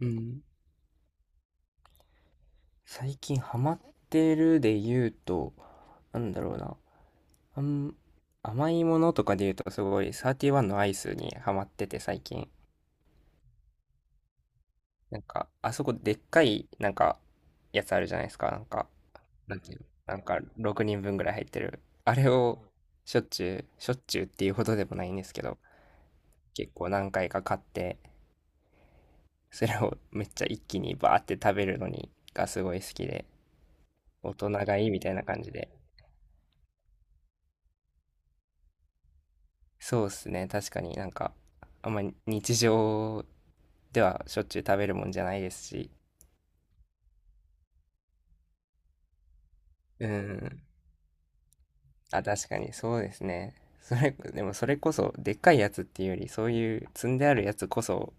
うん、最近ハマってるで言うと、なんだろうな、あん、甘いものとかで言うとすごい31のアイスにハマってて最近。なんか、あそこでっかい、なんか、やつあるじゃないですか。なんか、なんていうの、なんか6人分ぐらい入ってる。あれをしょっちゅう、しょっちゅうっていうほどでもないんですけど、結構何回か買って、それをめっちゃ一気にバーって食べるのにがすごい好きで、大人がいいみたいな感じで。そうですね。確かになんか、あんまり日常ではしょっちゅう食べるもんじゃないですし。うん。あ、確かにそうですね。でもそれこそ、でっかいやつっていうより、そういう積んであるやつこそ、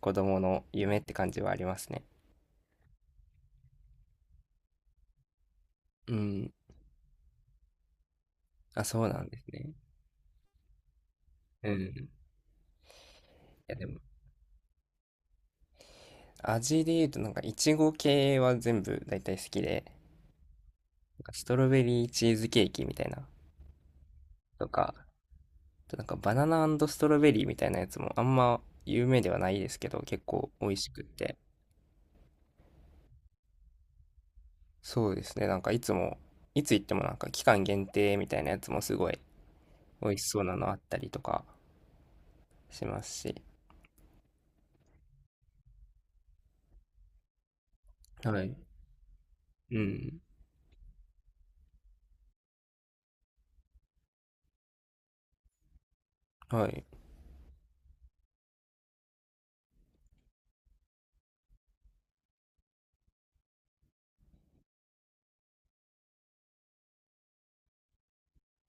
子供の夢って感じはありますね。うん。あ、そうなんですね。うん。いや、でも、味で言うと、なんか、いちご系は全部大体好きで、なんかストロベリーチーズケーキみたいな、とか、なんかバナナストロベリーみたいなやつもあんま有名ではないですけど、結構美味しくって。そうですね、なんかいつ行ってもなんか期間限定みたいなやつもすごい美味しそうなのあったりとかしますし。はい。うん。はい。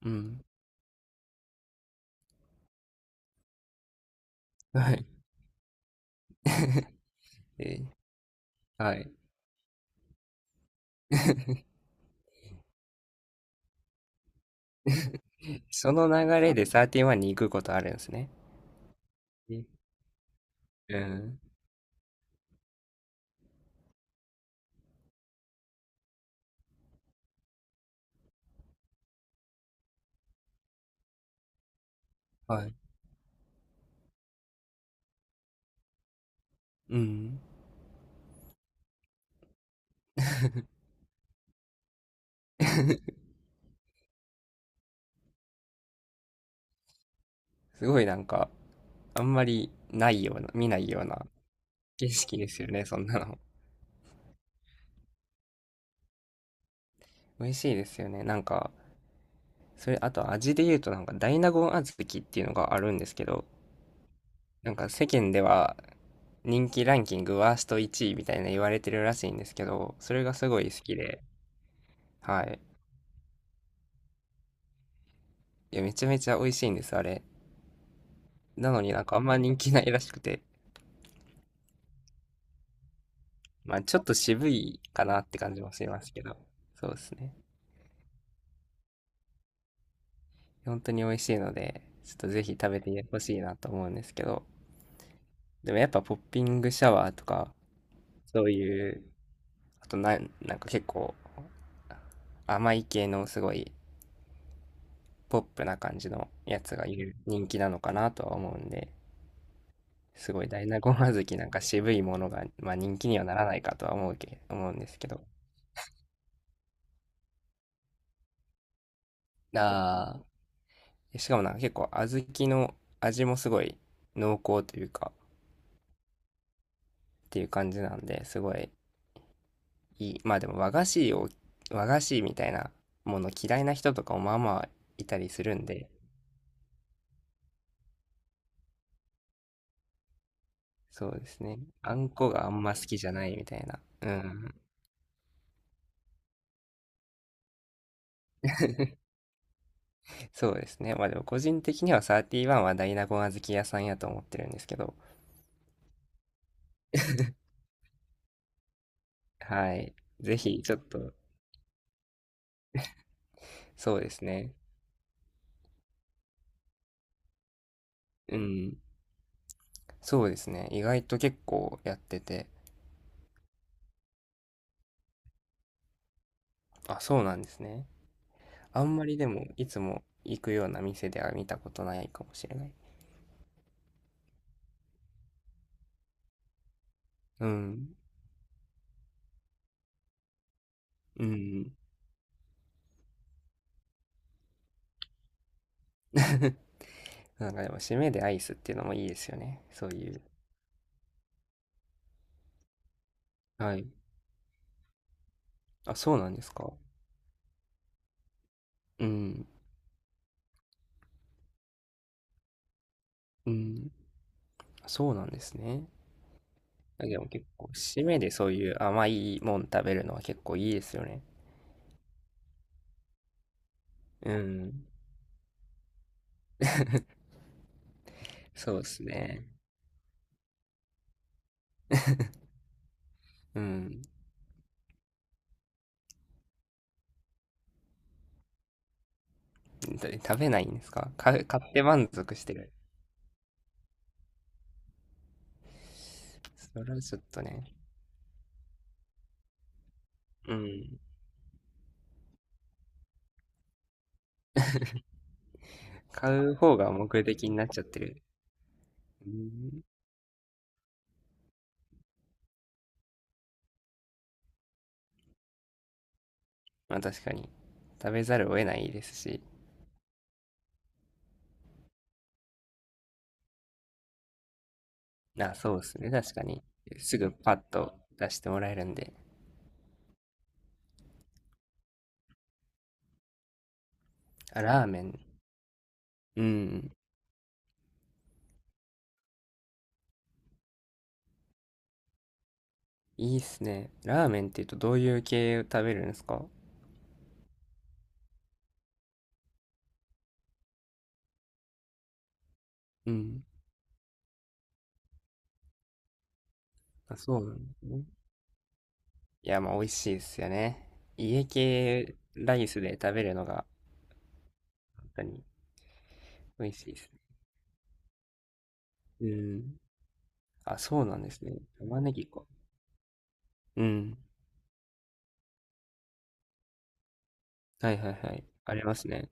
うん。はい。えはい。その流れでサーティワンに行くことあるんですね。えうん。はい。うん。すごいなんか、あんまりないような、見ないような景色ですよね、そんなの。美味しいですよね。なんか、それ、あと味で言うとなんか大納言小豆っていうのがあるんですけど、なんか世間では人気ランキングワースト1位みたいな言われてるらしいんですけど、それがすごい好きで、はい。いや、めちゃめちゃ美味しいんです、あれ。なのになんかあんま人気ないらしくて、まあちょっと渋いかなって感じもしますけど、そうですね。本当に美味しいので、ちょっとぜひ食べてほしいなと思うんですけど、でもやっぱポッピングシャワーとか、そういう、あとな、なんか結構甘い系のすごいポップな感じのやつが人気なのかなとは思うんで、すごい大納言小豆なんか渋いものが、まあ、人気にはならないかとは思うんですけど。あしかもなんか結構小豆の味もすごい濃厚というか、っていう感じなんで、すごいいい。まあでも和菓子みたいなもの嫌いな人とかもまあまあいたりするんで、そうですね。あんこがあんま好きじゃないみたいな。うん。そうですね。まあでも個人的には31はダイナゴン小豆屋さんやと思ってるんですけど。はい。ぜひ、ちょっと、そうですね。うん。そうですね。意外と結構やってて。あ、そうなんですね。あんまりでも、いつも行くような店では見たことないかもしれない。うん。うん。なんかでも、締めでアイスっていうのもいいですよね。そういう。はい。あ、そうなんですか。うん。うん。そうなんですね。でも結構、締めでそういう甘いもん食べるのは結構いいですよね。うん。そうですね。うん。で食べないんですか？買って満足してる。それはちょっとね。うん。買う方が目的になっちゃってる。うん。まあ確かに。食べざるを得ないですし。あ、そうですね。確かに。すぐパッと出してもらえるんで。あ、ラーメン。うん。いいっすね。ラーメンって言うとどういう系を食べるんですか？うん。あ、そうなんですね。いや、まあ、美味しいですよね。家系ライスで食べるのが、本当に美味しいですね。うん。あ、そうなんですね。玉ねぎか。うん。はいはいはい。ありますね。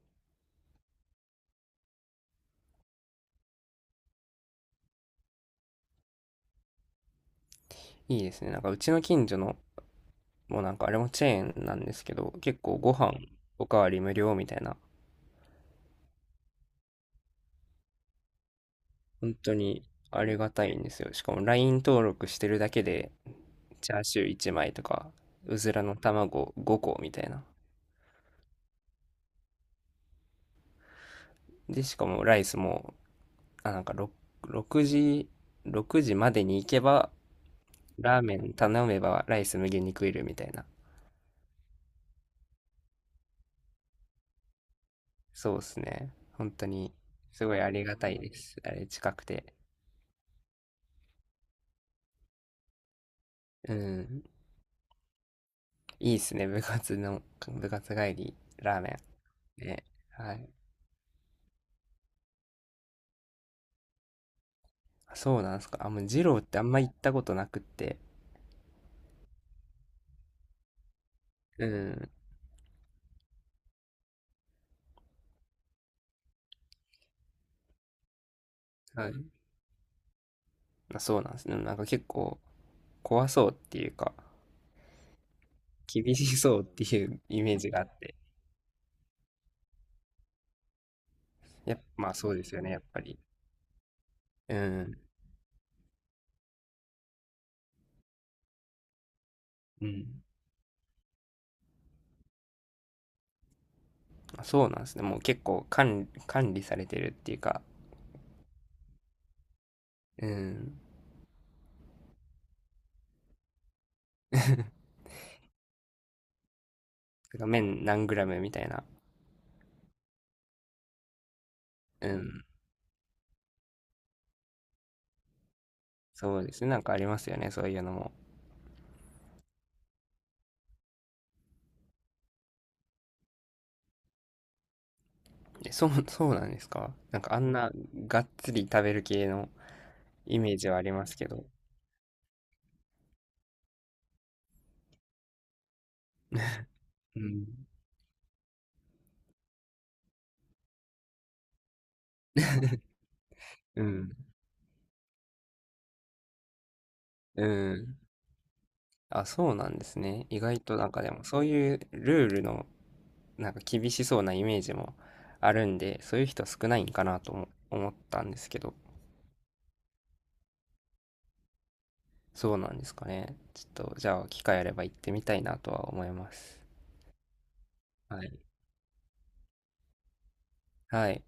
いいですね。なんか、うちの近所の、もうなんか、あれもチェーンなんですけど、結構ご飯おかわり無料みたいな、本当にありがたいんですよ。しかも、LINE 登録してるだけで、チャーシュー1枚とか、うずらの卵5個みたいな。で、しかもライスもなんか6、時、6時までに行けば、ラーメン頼めばライス無限に食えるみたいな。そうですね。本当に、すごいありがたいです。あれ近くて。うん。いいっすね。部活帰り、ラーメン。ね。はい。あ、そうなんですか。あ、もう、二郎ってあんま行ったことなくって。うん。はい。あ、そうなんですね。なんか結構、怖そうっていうか、厳しそうっていうイメージがあって。やっぱ、まあそうですよね、やっぱり。うん。うん。そうなんですね。もう結構管理管理されてるっていうか、うん。てか麺何グラムみたいな。うん。そうですね。なんかありますよね。そういうのも。え、そうなんですか？なんかあんながっつり食べる系のイメージはありますけど。うん。うん。うん。あ、そうなんですね。意外となんかでもそういうルールのなんか厳しそうなイメージもあるんで、そういう人少ないんかなとも思ったんですけど。そうなんですかね。ちょっと、じゃあ、機会あれば行ってみたいなとは思います。はい。はい。